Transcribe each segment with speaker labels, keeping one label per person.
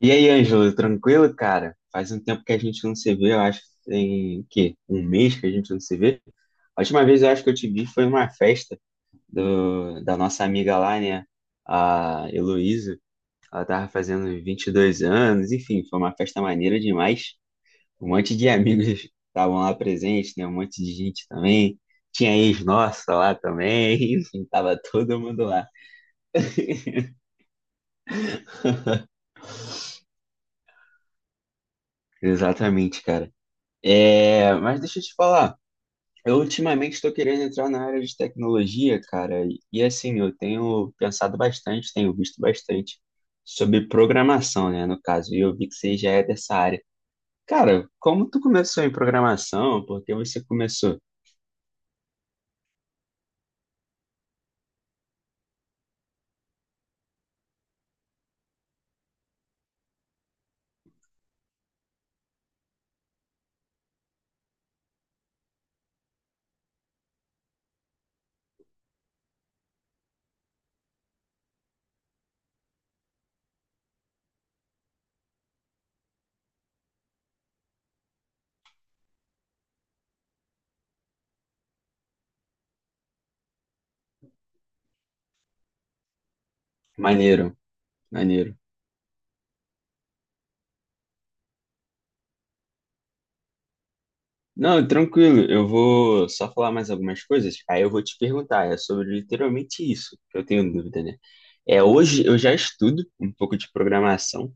Speaker 1: E aí, Ângelo, tranquilo, cara? Faz um tempo que a gente não se vê, eu acho que tem, que um mês que a gente não se vê. A última vez eu acho que eu te vi foi numa festa da nossa amiga lá, né? A Heloísa. Ela tava fazendo 22 anos, enfim, foi uma festa maneira demais. Um monte de amigos estavam lá presentes, né? Um monte de gente também. Tinha ex nossa lá também, enfim, tava todo mundo lá. Exatamente, cara. É, mas deixa eu te falar. Eu ultimamente estou querendo entrar na área de tecnologia, cara, e, assim, eu tenho pensado bastante, tenho visto bastante sobre programação, né, no caso, e eu vi que você já é dessa área. Cara, como tu começou em programação? Por que você começou? Maneiro, maneiro. Não, tranquilo, eu vou só falar mais algumas coisas, aí eu vou te perguntar, é sobre literalmente isso que eu tenho dúvida, né? É, hoje eu já estudo um pouco de programação,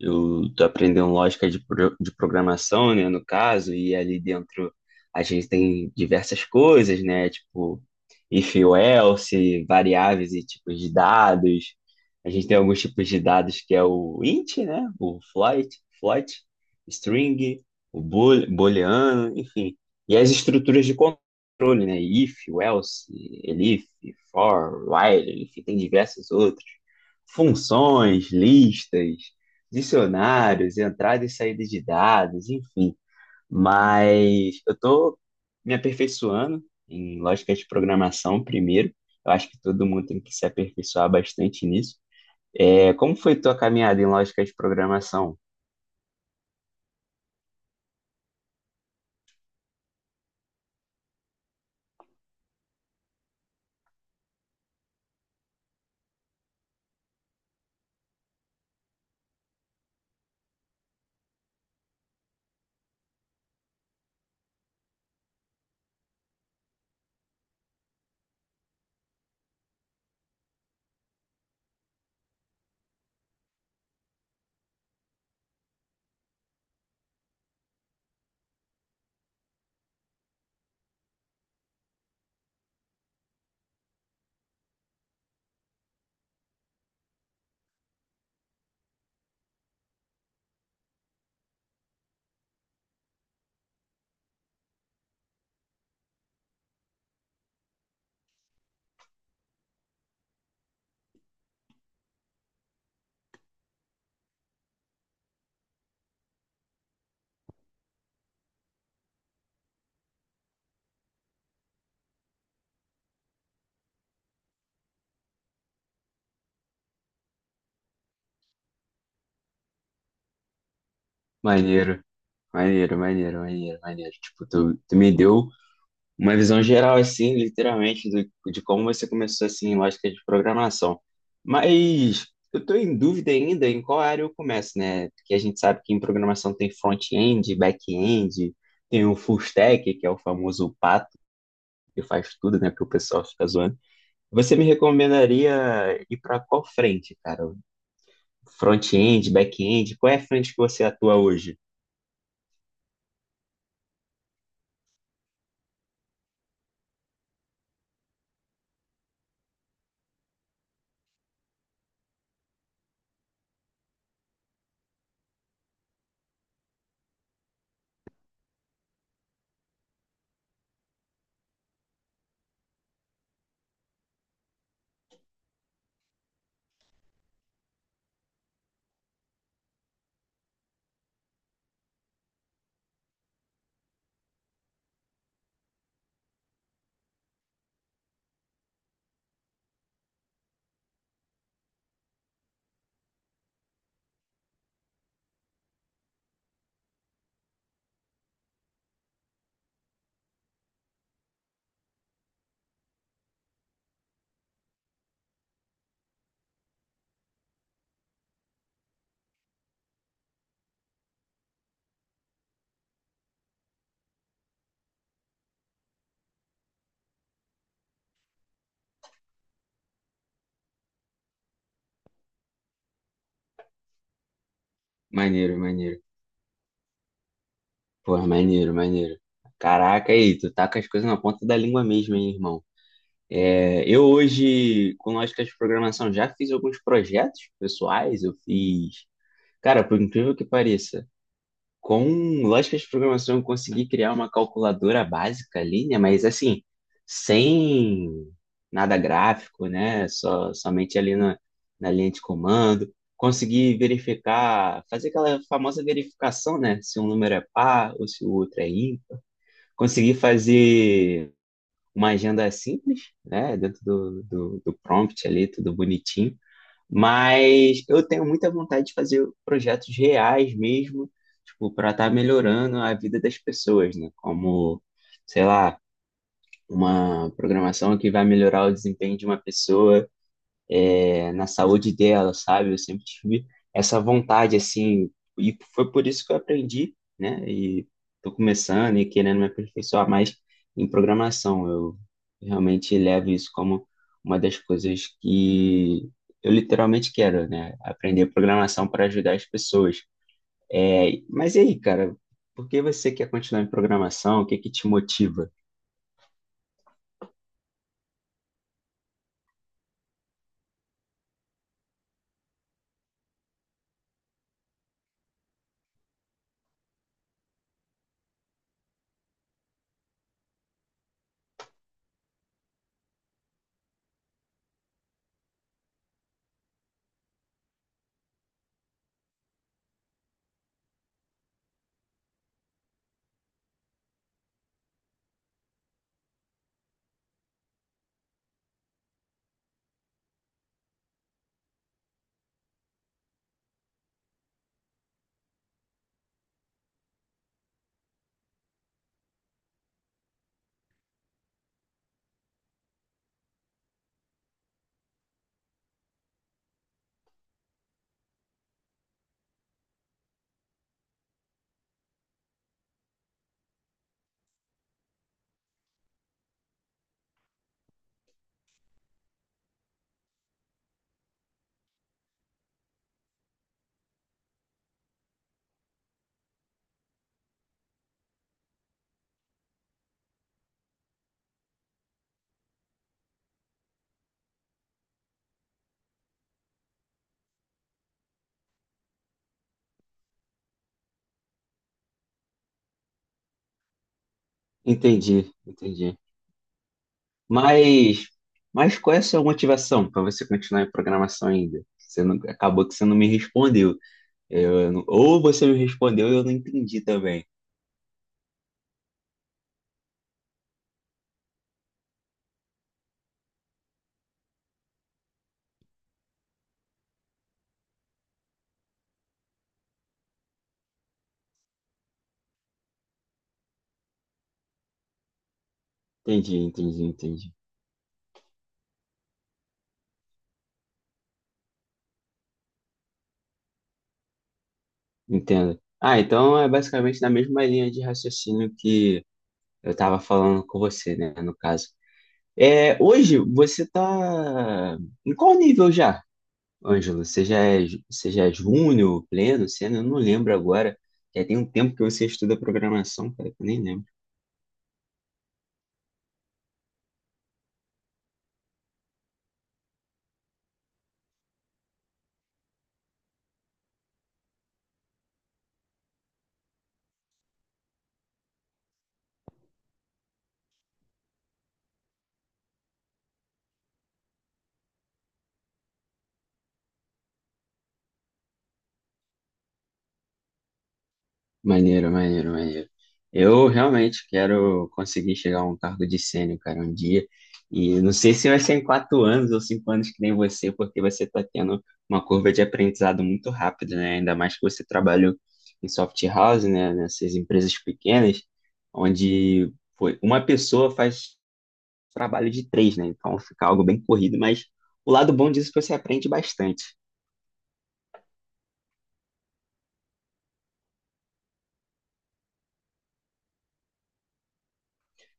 Speaker 1: eu tô aprendendo lógica de programação, né, no caso, e ali dentro a gente tem diversas coisas, né, tipo if ou else, variáveis e tipos de dados, a gente tem alguns tipos de dados que é o int, né, o float, string, o booleano, enfim. E as estruturas de controle, né? If, else, elif, for, while, enfim, tem diversas outras. Funções, listas, dicionários, entrada e saída de dados, enfim. Mas eu estou me aperfeiçoando em lógica de programação primeiro. Eu acho que todo mundo tem que se aperfeiçoar bastante nisso. É, como foi tua caminhada em lógica de programação? Maneiro, maneiro, maneiro, maneiro, maneiro. Tipo, tu me deu uma visão geral, assim, literalmente, de como você começou, assim, em lógica de programação. Mas eu tô em dúvida ainda em qual área eu começo, né? Porque a gente sabe que em programação tem front-end, back-end, tem o full stack, que é o famoso pato, que faz tudo, né? Que o pessoal fica zoando. Você me recomendaria ir para qual frente, cara? Front-end, back-end? Qual é a frente que você atua hoje? Maneiro, maneiro. Pô, maneiro, maneiro. Caraca, aí, tu tá com as coisas na ponta da língua mesmo, hein, irmão? É, eu hoje, com lógica de programação, já fiz alguns projetos pessoais, eu fiz. Cara, por incrível que pareça, com lógica de programação eu consegui criar uma calculadora básica ali, né? Mas assim, sem nada gráfico, né? Só, somente ali na linha de comando. Consegui verificar, fazer aquela famosa verificação, né? Se um número é par ou se o outro é ímpar, consegui fazer uma agenda simples, né? Dentro do prompt ali, tudo bonitinho. Mas eu tenho muita vontade de fazer projetos reais mesmo, tipo, para estar melhorando a vida das pessoas, né? Como, sei lá, uma programação que vai melhorar o desempenho de uma pessoa na saúde dela, sabe? Eu sempre tive essa vontade, assim, e foi por isso que eu aprendi, né? E tô começando e querendo me aperfeiçoar mais em programação. Eu realmente levo isso como uma das coisas que eu literalmente quero, né? Aprender programação para ajudar as pessoas. É, mas e aí, cara? Por que você quer continuar em programação? O que que te motiva? Entendi, entendi. Mas, mas, qual é a sua motivação para você continuar em programação ainda? Você não- Acabou que você não me respondeu. Eu não- Ou você me respondeu e eu não entendi também. Entendi, entendi, entendi. Entendo. Ah, então é basicamente na mesma linha de raciocínio que eu estava falando com você, né, no caso. É, hoje você tá em qual nível já, Ângelo? Você já é, você já é júnior, pleno, sênior? Eu não lembro agora. Já tem um tempo que você estuda programação, cara, que eu nem lembro. Maneiro, maneiro, maneiro. Eu realmente quero conseguir chegar a um cargo de sênior, cara, um dia. E não sei se vai ser em 4 anos ou 5 anos que nem você, porque você está tendo uma curva de aprendizado muito rápida, né? Ainda mais que você trabalhou em soft house, né? Nessas empresas pequenas, onde foi uma pessoa faz trabalho de três, né? Então fica algo bem corrido, mas o lado bom disso é que você aprende bastante.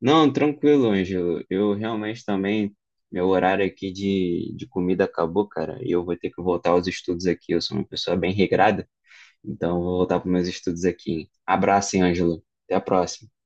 Speaker 1: Não, tranquilo, Ângelo. Eu realmente também, meu horário aqui de comida acabou, cara, e eu vou ter que voltar aos estudos aqui. Eu sou uma pessoa bem regrada, então eu vou voltar para meus estudos aqui. Abraço, hein, Ângelo. Até a próxima.